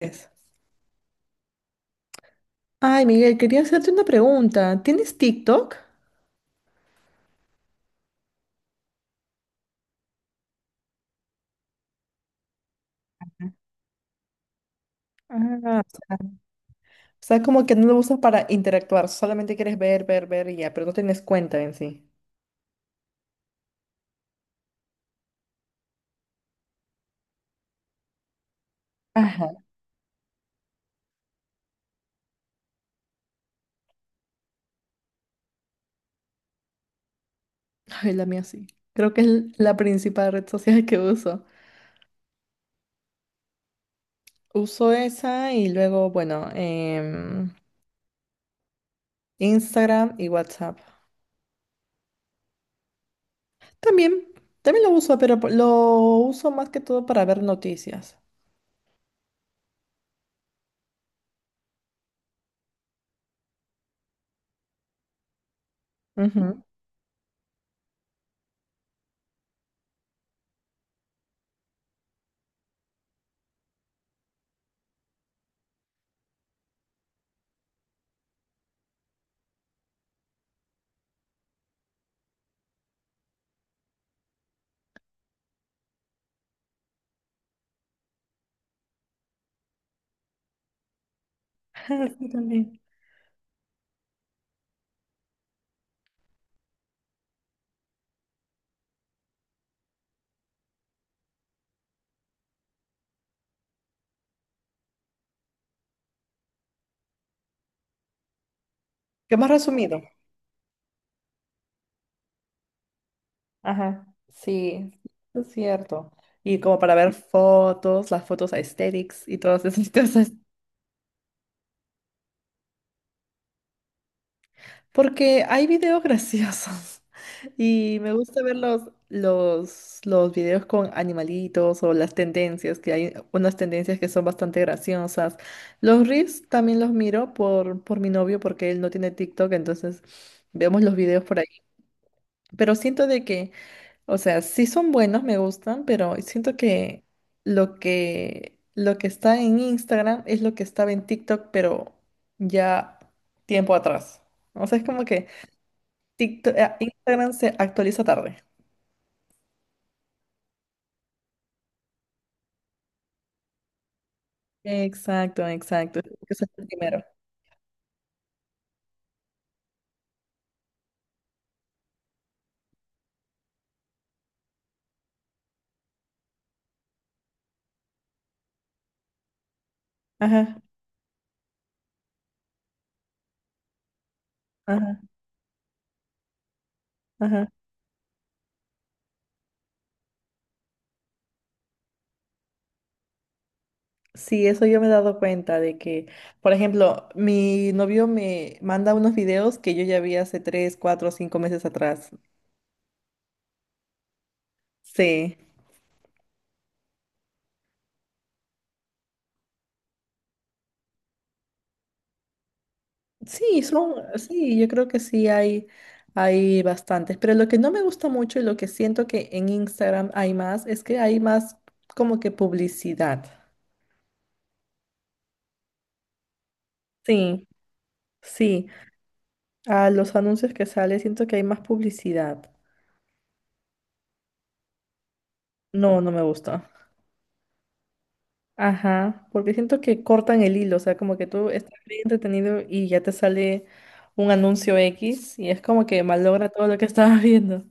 Es. Ay, Miguel, quería hacerte una pregunta. ¿Tienes TikTok? Ah, o sea, como que no lo usas para interactuar, solamente quieres ver, ver, ver y ya, pero no tienes cuenta en sí. Ajá. Ay, la mía sí. Creo que es la principal red social que uso. Uso esa y luego, bueno, Instagram y WhatsApp. También, también lo uso, pero lo uso más que todo para ver noticias. Ujú. Sí, también. ¿Qué más resumido? Ajá, sí, es cierto. Y como para ver fotos, las fotos aesthetics y todas esas cosas. Porque hay videos graciosos y me gusta ver los, videos con animalitos o las tendencias, que hay unas tendencias que son bastante graciosas. Los reels también los miro por mi novio porque él no tiene TikTok, entonces vemos los videos por ahí. Pero siento de que... O sea, sí son buenos, me gustan, pero siento que lo que está en Instagram es lo que estaba en TikTok, pero ya tiempo atrás. O sea, es como que TikTok, Instagram se actualiza tarde. Exacto, exacto. Eso es el primero. Ajá, ajá, ajá. Sí, eso yo me he dado cuenta de que, por ejemplo, mi novio me manda unos videos que yo ya vi hace tres, cuatro, cinco meses atrás. Sí. Sí, son, sí, yo creo que hay bastantes, pero lo que no me gusta mucho y lo que siento que en Instagram hay más es que hay más como que publicidad. Sí, sí, a los anuncios que sale siento que hay más publicidad. No, no me gusta. Ajá, porque siento que cortan el hilo, o sea, como que tú estás bien entretenido y ya te sale un anuncio X y es como que malogra todo lo que estabas viendo.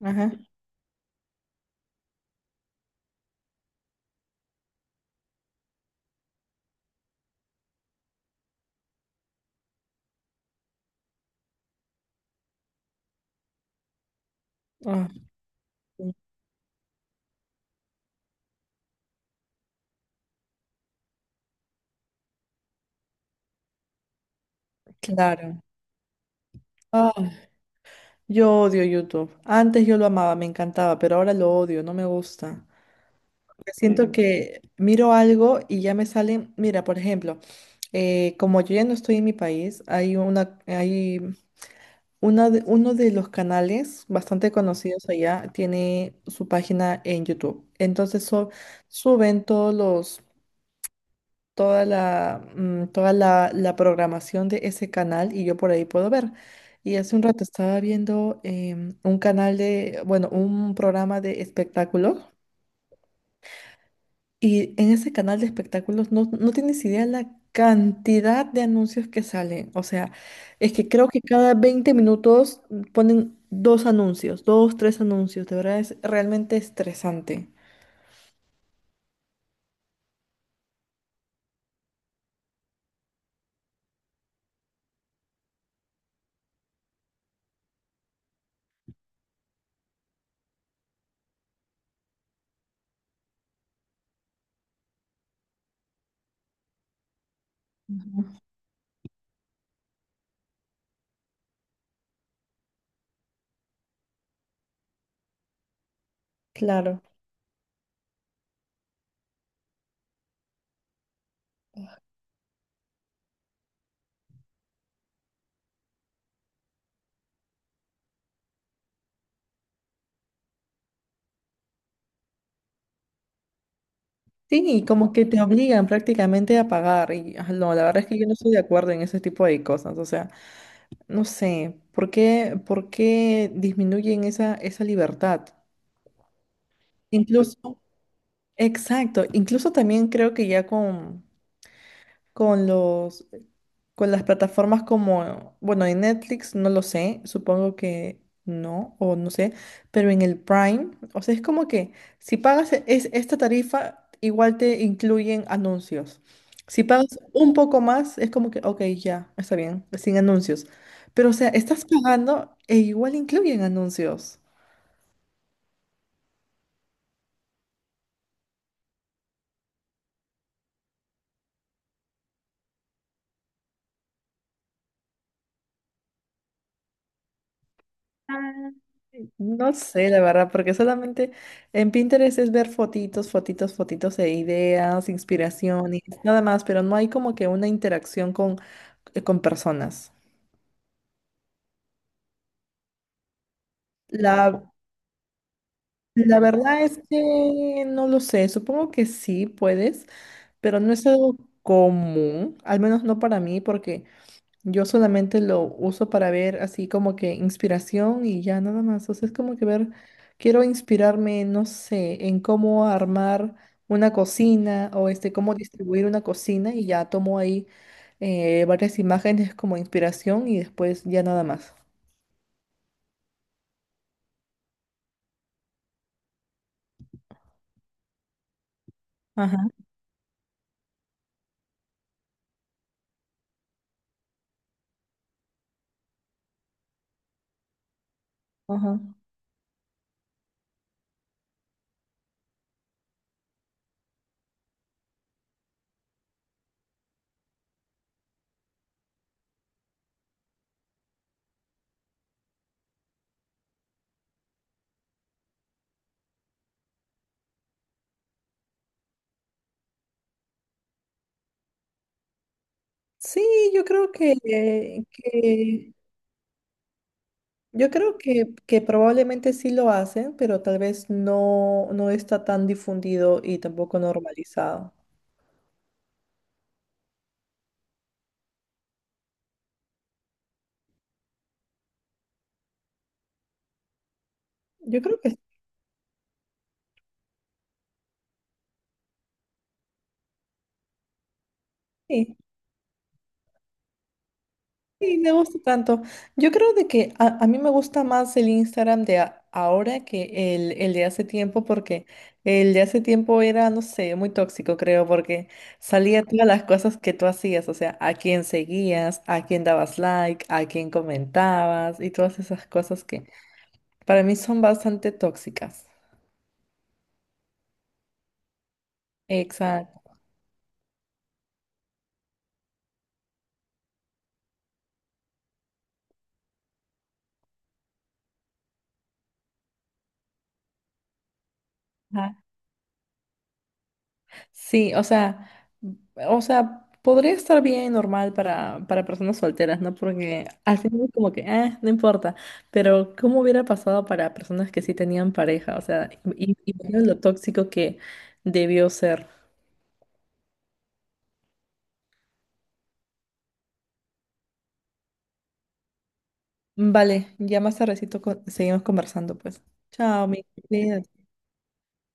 Ajá, ah, sí, claro. Ah. Yo odio YouTube. Antes yo lo amaba, me encantaba, pero ahora lo odio, no me gusta. Porque siento que miro algo y ya me salen, mira, por ejemplo, como yo ya no estoy en mi país, hay uno de los canales bastante conocidos allá tiene su página en YouTube. Suben todos los toda la programación de ese canal y yo por ahí puedo ver. Y hace un rato estaba viendo un canal de, bueno, un programa de espectáculos y en ese canal de espectáculos no, no tienes idea la cantidad de anuncios que salen. O sea, es que creo que cada 20 minutos ponen dos anuncios, dos, tres anuncios. De verdad es realmente estresante. Claro. Sí, y como que te obligan prácticamente a pagar. Y ah, no, la verdad es que yo no estoy de acuerdo en ese tipo de cosas. O sea, no sé, ¿por qué disminuyen esa, esa libertad? Incluso, exacto, incluso también creo que ya con los con las plataformas como, bueno, en Netflix no lo sé, supongo que no, o no sé, pero en el Prime, o sea, es como que si pagas e- es, esta tarifa, igual te incluyen anuncios. Si pagas un poco más, es como que, ok, ya, está bien, sin anuncios. Pero, o sea, estás pagando e igual incluyen anuncios. No sé, la verdad, porque solamente en Pinterest es ver fotitos, fotitos, fotitos de ideas, inspiraciones, nada más, pero no hay como que una interacción con personas. La, la verdad es que no lo sé, supongo que sí puedes, pero no es algo común, al menos no para mí, porque yo solamente lo uso para ver así como que inspiración y ya nada más. O sea, es como que ver, quiero inspirarme, no sé, en cómo armar una cocina o este, cómo distribuir una cocina y ya tomo ahí varias imágenes como inspiración y después ya nada más. Ajá, ajá. Sí, yo creo que, yo creo que probablemente sí lo hacen, pero tal vez no, no está tan difundido y tampoco normalizado. Yo creo que sí, sí, me gusta tanto. Yo creo de que a mí me gusta más el Instagram ahora que el de hace tiempo, porque el de hace tiempo era, no sé, muy tóxico, creo, porque salía todas las cosas que tú hacías, o sea, a quién seguías, a quién dabas like, a quién comentabas y todas esas cosas que para mí son bastante tóxicas. Exacto. Sí, o sea, podría estar bien normal para personas solteras, ¿no? Porque al final es como que, no importa. Pero, ¿cómo hubiera pasado para personas que sí tenían pareja? O sea, y imagino lo tóxico que debió ser. Vale, ya más tardecito seguimos conversando, pues. Chao, mi. Querida.